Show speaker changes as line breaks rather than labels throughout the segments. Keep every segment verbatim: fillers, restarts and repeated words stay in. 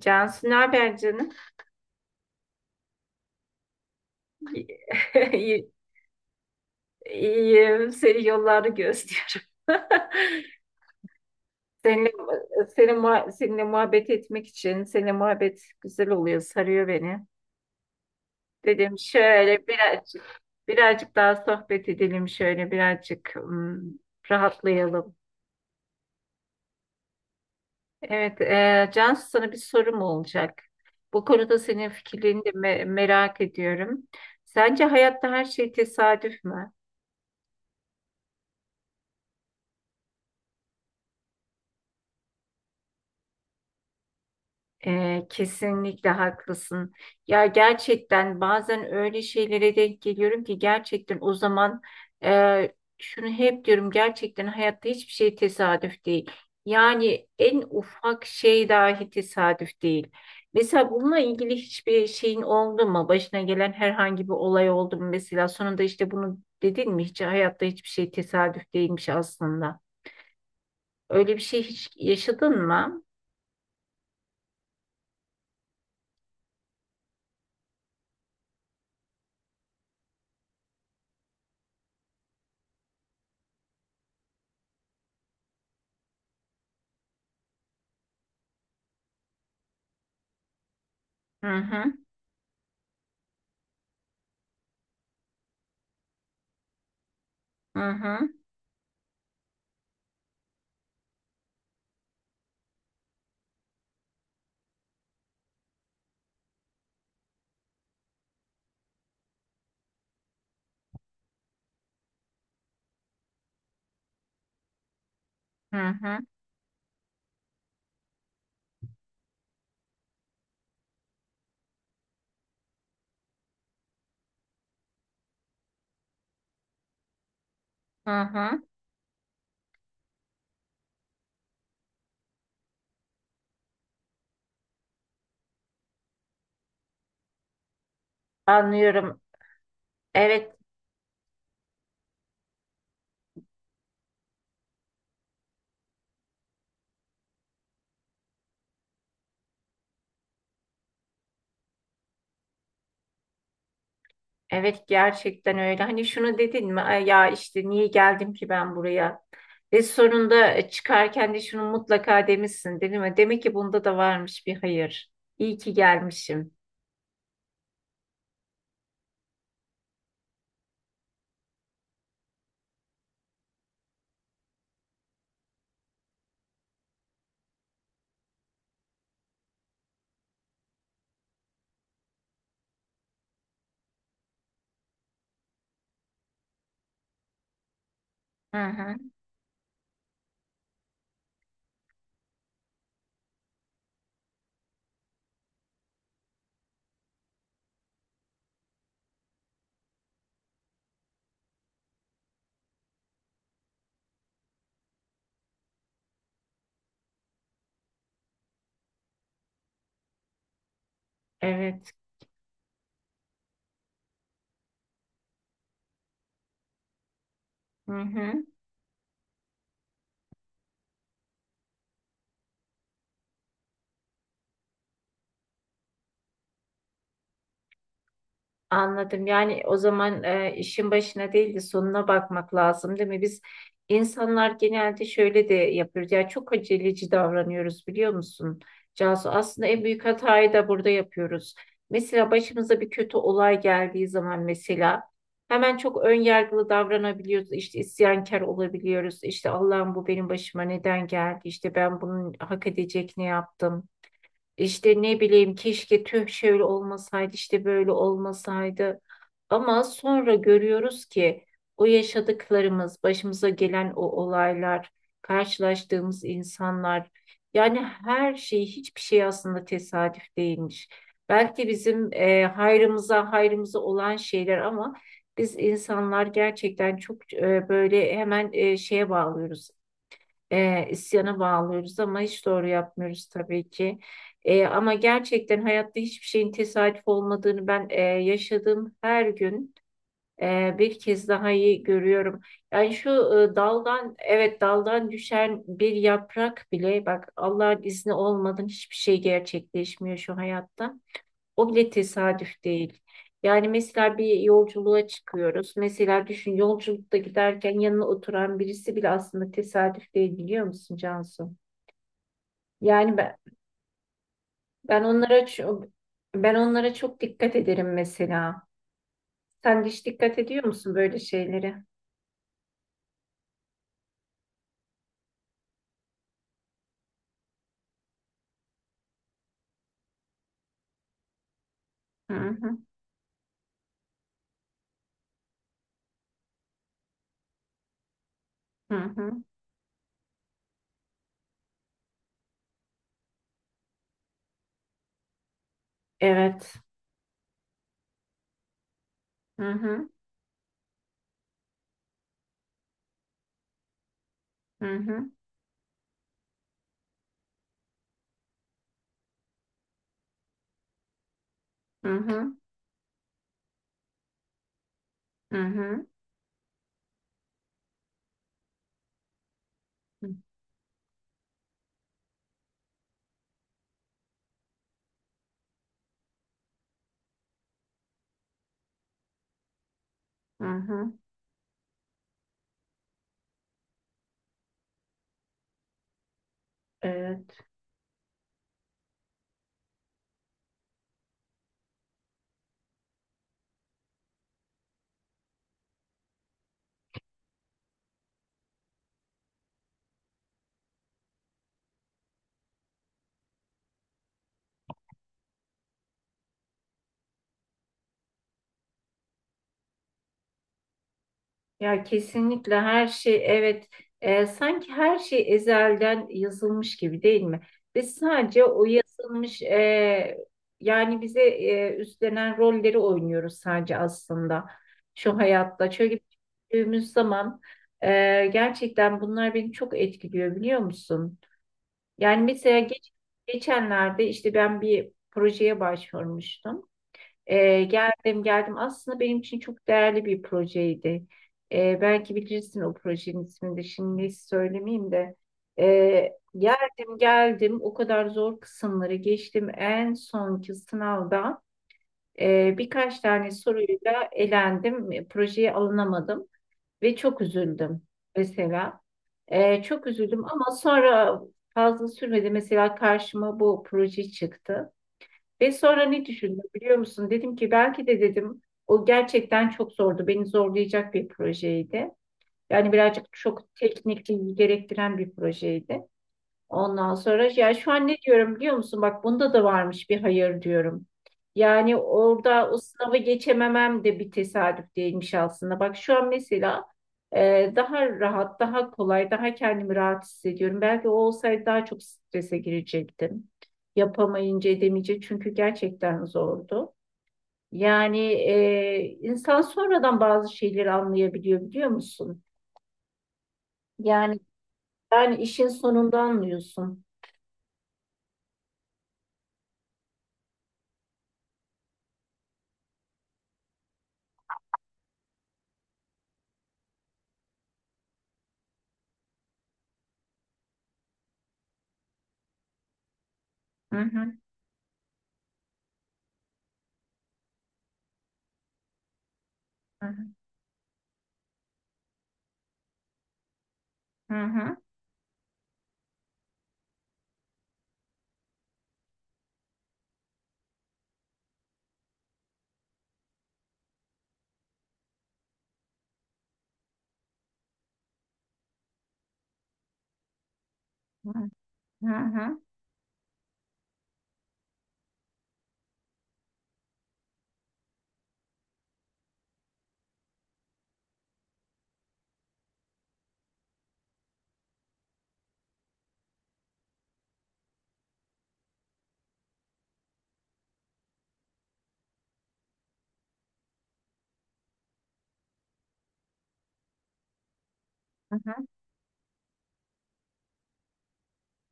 Cansu, ne haber canım? İyi- İyiyim. Seni yollarda gözlüyorum. Seninle, seninle, muha- Seninle muhabbet etmek için, seninle muhabbet güzel oluyor, sarıyor beni. Dedim şöyle birazcık, birazcık daha sohbet edelim, şöyle birazcık hmm, rahatlayalım. Evet, e, Cansu, sana bir sorum olacak. Bu konuda senin fikirlerini de me- merak ediyorum. Sence hayatta her şey tesadüf mü? Ee, kesinlikle haklısın. Ya gerçekten bazen öyle şeylere denk geliyorum ki gerçekten o zaman e, şunu hep diyorum: gerçekten hayatta hiçbir şey tesadüf değil. Yani en ufak şey dahi tesadüf değil. Mesela bununla ilgili hiçbir şeyin oldu mu? Başına gelen herhangi bir olay oldu mu? Mesela sonunda işte bunu dedin mi? Hiç hayatta hiçbir şey tesadüf değilmiş aslında. Öyle bir şey hiç yaşadın mı? Hı hı, hı hı, hı hı. Hı hı. Anlıyorum. Evet, evet, gerçekten öyle. Hani şunu dedin mi: "Ay, ya işte niye geldim ki ben buraya?" Ve sonunda e, çıkarken de şunu mutlaka demişsin, değil mi? Demek ki bunda da varmış bir hayır. İyi ki gelmişim. Hı hı. Evet. Hı hı. Anladım. Yani o zaman e, işin başına değil de sonuna bakmak lazım, değil mi? Biz insanlar genelde şöyle de yapıyoruz. Yani çok aceleci davranıyoruz, biliyor musun? Cansu, aslında en büyük hatayı da burada yapıyoruz. Mesela başımıza bir kötü olay geldiği zaman mesela hemen çok ön yargılı davranabiliyoruz. İşte isyankar olabiliyoruz. İşte Allah'ım, bu benim başıma neden geldi? İşte ben bunun hak edecek ne yaptım? İşte ne bileyim, keşke tüh şöyle olmasaydı, işte böyle olmasaydı. Ama sonra görüyoruz ki o yaşadıklarımız, başımıza gelen o olaylar, karşılaştığımız insanlar, yani her şey, hiçbir şey aslında tesadüf değilmiş. Belki bizim e, hayrımıza hayrımıza olan şeyler. Ama biz insanlar gerçekten çok e, böyle hemen e, şeye bağlıyoruz, e, isyana bağlıyoruz, ama hiç doğru yapmıyoruz tabii ki. E, ama gerçekten hayatta hiçbir şeyin tesadüf olmadığını ben e, yaşadığım her gün e, bir kez daha iyi görüyorum. Yani şu e, daldan evet daldan düşen bir yaprak bile, bak, Allah'ın izni olmadan hiçbir şey gerçekleşmiyor şu hayatta. O bile tesadüf değil. Yani mesela bir yolculuğa çıkıyoruz. Mesela düşün, yolculukta giderken yanına oturan birisi bile aslında tesadüf değil, biliyor musun Cansu? Yani ben, ben onlara çok, Ben onlara çok dikkat ederim mesela. Sen de hiç dikkat ediyor musun böyle şeylere? Hı hı, hı hı. Evet. Hı hı, hı hı, hı hı, hı hı, hı hı. Evet. Ya kesinlikle her şey, evet, e, sanki her şey ezelden yazılmış gibi, değil mi? Biz sadece o yazılmış e, yani bize e, üstlenen rolleri oynuyoruz sadece aslında şu hayatta. Çünkü büyüdüğümüz zaman e, gerçekten bunlar beni çok etkiliyor, biliyor musun? Yani mesela geç, geçenlerde işte ben bir projeye başvurmuştum. Ee, geldim geldim. Aslında benim için çok değerli bir projeydi. Ee, belki bilirsin, o projenin ismini de şimdi söylemeyeyim de. Ee, geldim geldim, o kadar zor kısımları geçtim. En sonki sınavda e, birkaç tane soruyla elendim. E, Projeye alınamadım ve çok üzüldüm mesela. Ee, çok üzüldüm ama sonra fazla sürmedi. Mesela karşıma bu proje çıktı. Ve sonra ne düşündüm biliyor musun? Dedim ki belki de, dedim, o gerçekten çok zordu. Beni zorlayacak bir projeydi. Yani birazcık çok teknikliği gerektiren bir projeydi. Ondan sonra ya şu an ne diyorum biliyor musun? Bak, bunda da varmış bir hayır, diyorum. Yani orada o sınavı geçememem de bir tesadüf değilmiş aslında. Bak şu an mesela e, daha rahat, daha kolay, daha kendimi rahat hissediyorum. Belki o olsaydı daha çok strese girecektim. Yapamayınca edemeyecek, çünkü gerçekten zordu. Yani e, insan sonradan bazı şeyleri anlayabiliyor, biliyor musun? Yani yani işin sonunda anlıyorsun. Hı hı, hı hı. Hı hı. Hı hı, hı hı,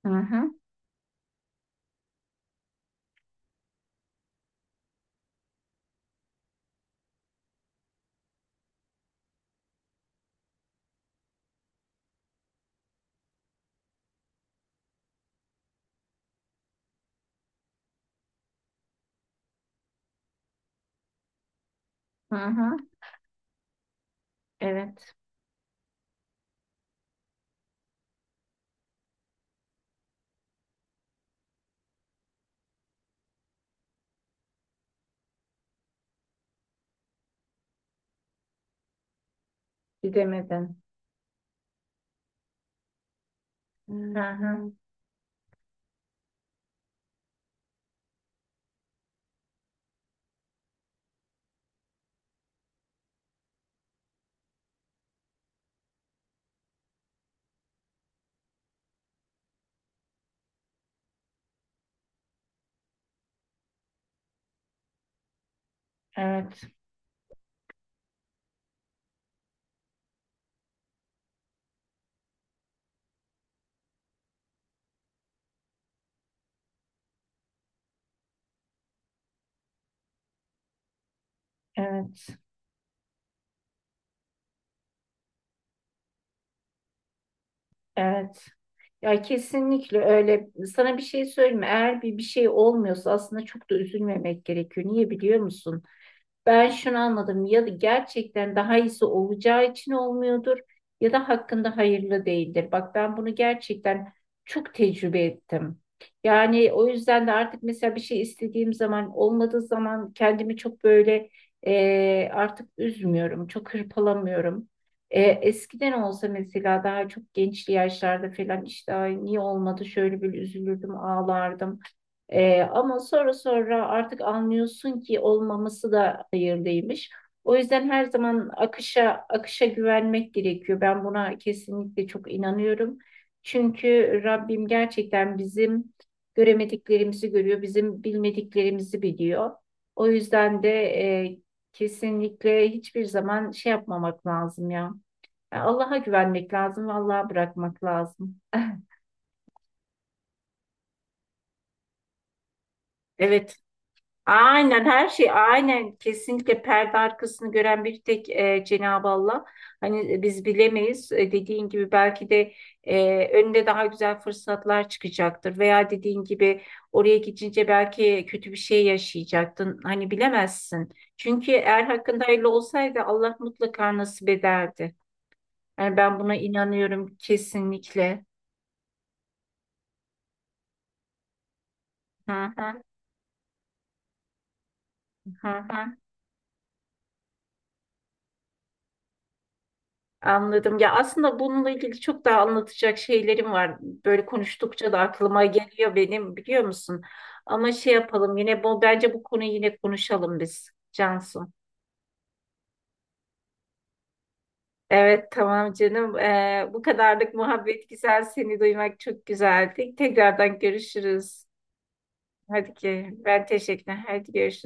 hı hı, hı hı. Evet. Bilemedin. Hı hı. Hmm. Evet. Evet. Evet. Ya kesinlikle öyle. Sana bir şey söyleyeyim mi? Eğer bir, bir şey olmuyorsa aslında çok da üzülmemek gerekiyor. Niye biliyor musun? Ben şunu anladım: ya gerçekten daha iyisi olacağı için olmuyordur ya da hakkında hayırlı değildir. Bak, ben bunu gerçekten çok tecrübe ettim. Yani o yüzden de artık mesela bir şey istediğim zaman olmadığı zaman kendimi çok böyle e, artık üzmüyorum. Çok hırpalamıyorum. E, eskiden olsa mesela daha çok gençli yaşlarda falan işte, "Ay, niye olmadı?" şöyle bir üzülürdüm, ağlardım. Ee, ama sonra sonra artık anlıyorsun ki olmaması da hayırlıymış. O yüzden her zaman akışa akışa güvenmek gerekiyor. Ben buna kesinlikle çok inanıyorum. Çünkü Rabbim gerçekten bizim göremediklerimizi görüyor, bizim bilmediklerimizi biliyor. O yüzden de e, kesinlikle hiçbir zaman şey yapmamak lazım ya. Yani Allah'a güvenmek lazım ve Allah'a bırakmak lazım. Evet. Aynen, her şey, aynen, kesinlikle perde arkasını gören bir tek e, Cenab-ı Allah. Hani e, biz bilemeyiz. E, dediğin gibi belki de e, önünde daha güzel fırsatlar çıkacaktır veya dediğin gibi oraya gidince belki kötü bir şey yaşayacaktın. Hani bilemezsin. Çünkü eğer hakkında hayırlı olsaydı Allah mutlaka nasip ederdi. Yani ben buna inanıyorum kesinlikle. Hı hı, hı hı. Anladım. Ya aslında bununla ilgili çok daha anlatacak şeylerim var. Böyle konuştukça da aklıma geliyor benim, biliyor musun? Ama şey yapalım, yine bu bence bu konuyu yine konuşalım biz, Cansu. Evet, tamam canım. Ee, bu kadarlık muhabbet güzel. Seni duymak çok güzeldi. Tekrardan görüşürüz. Hadi ki ben teşekkür Hadi görüşürüz.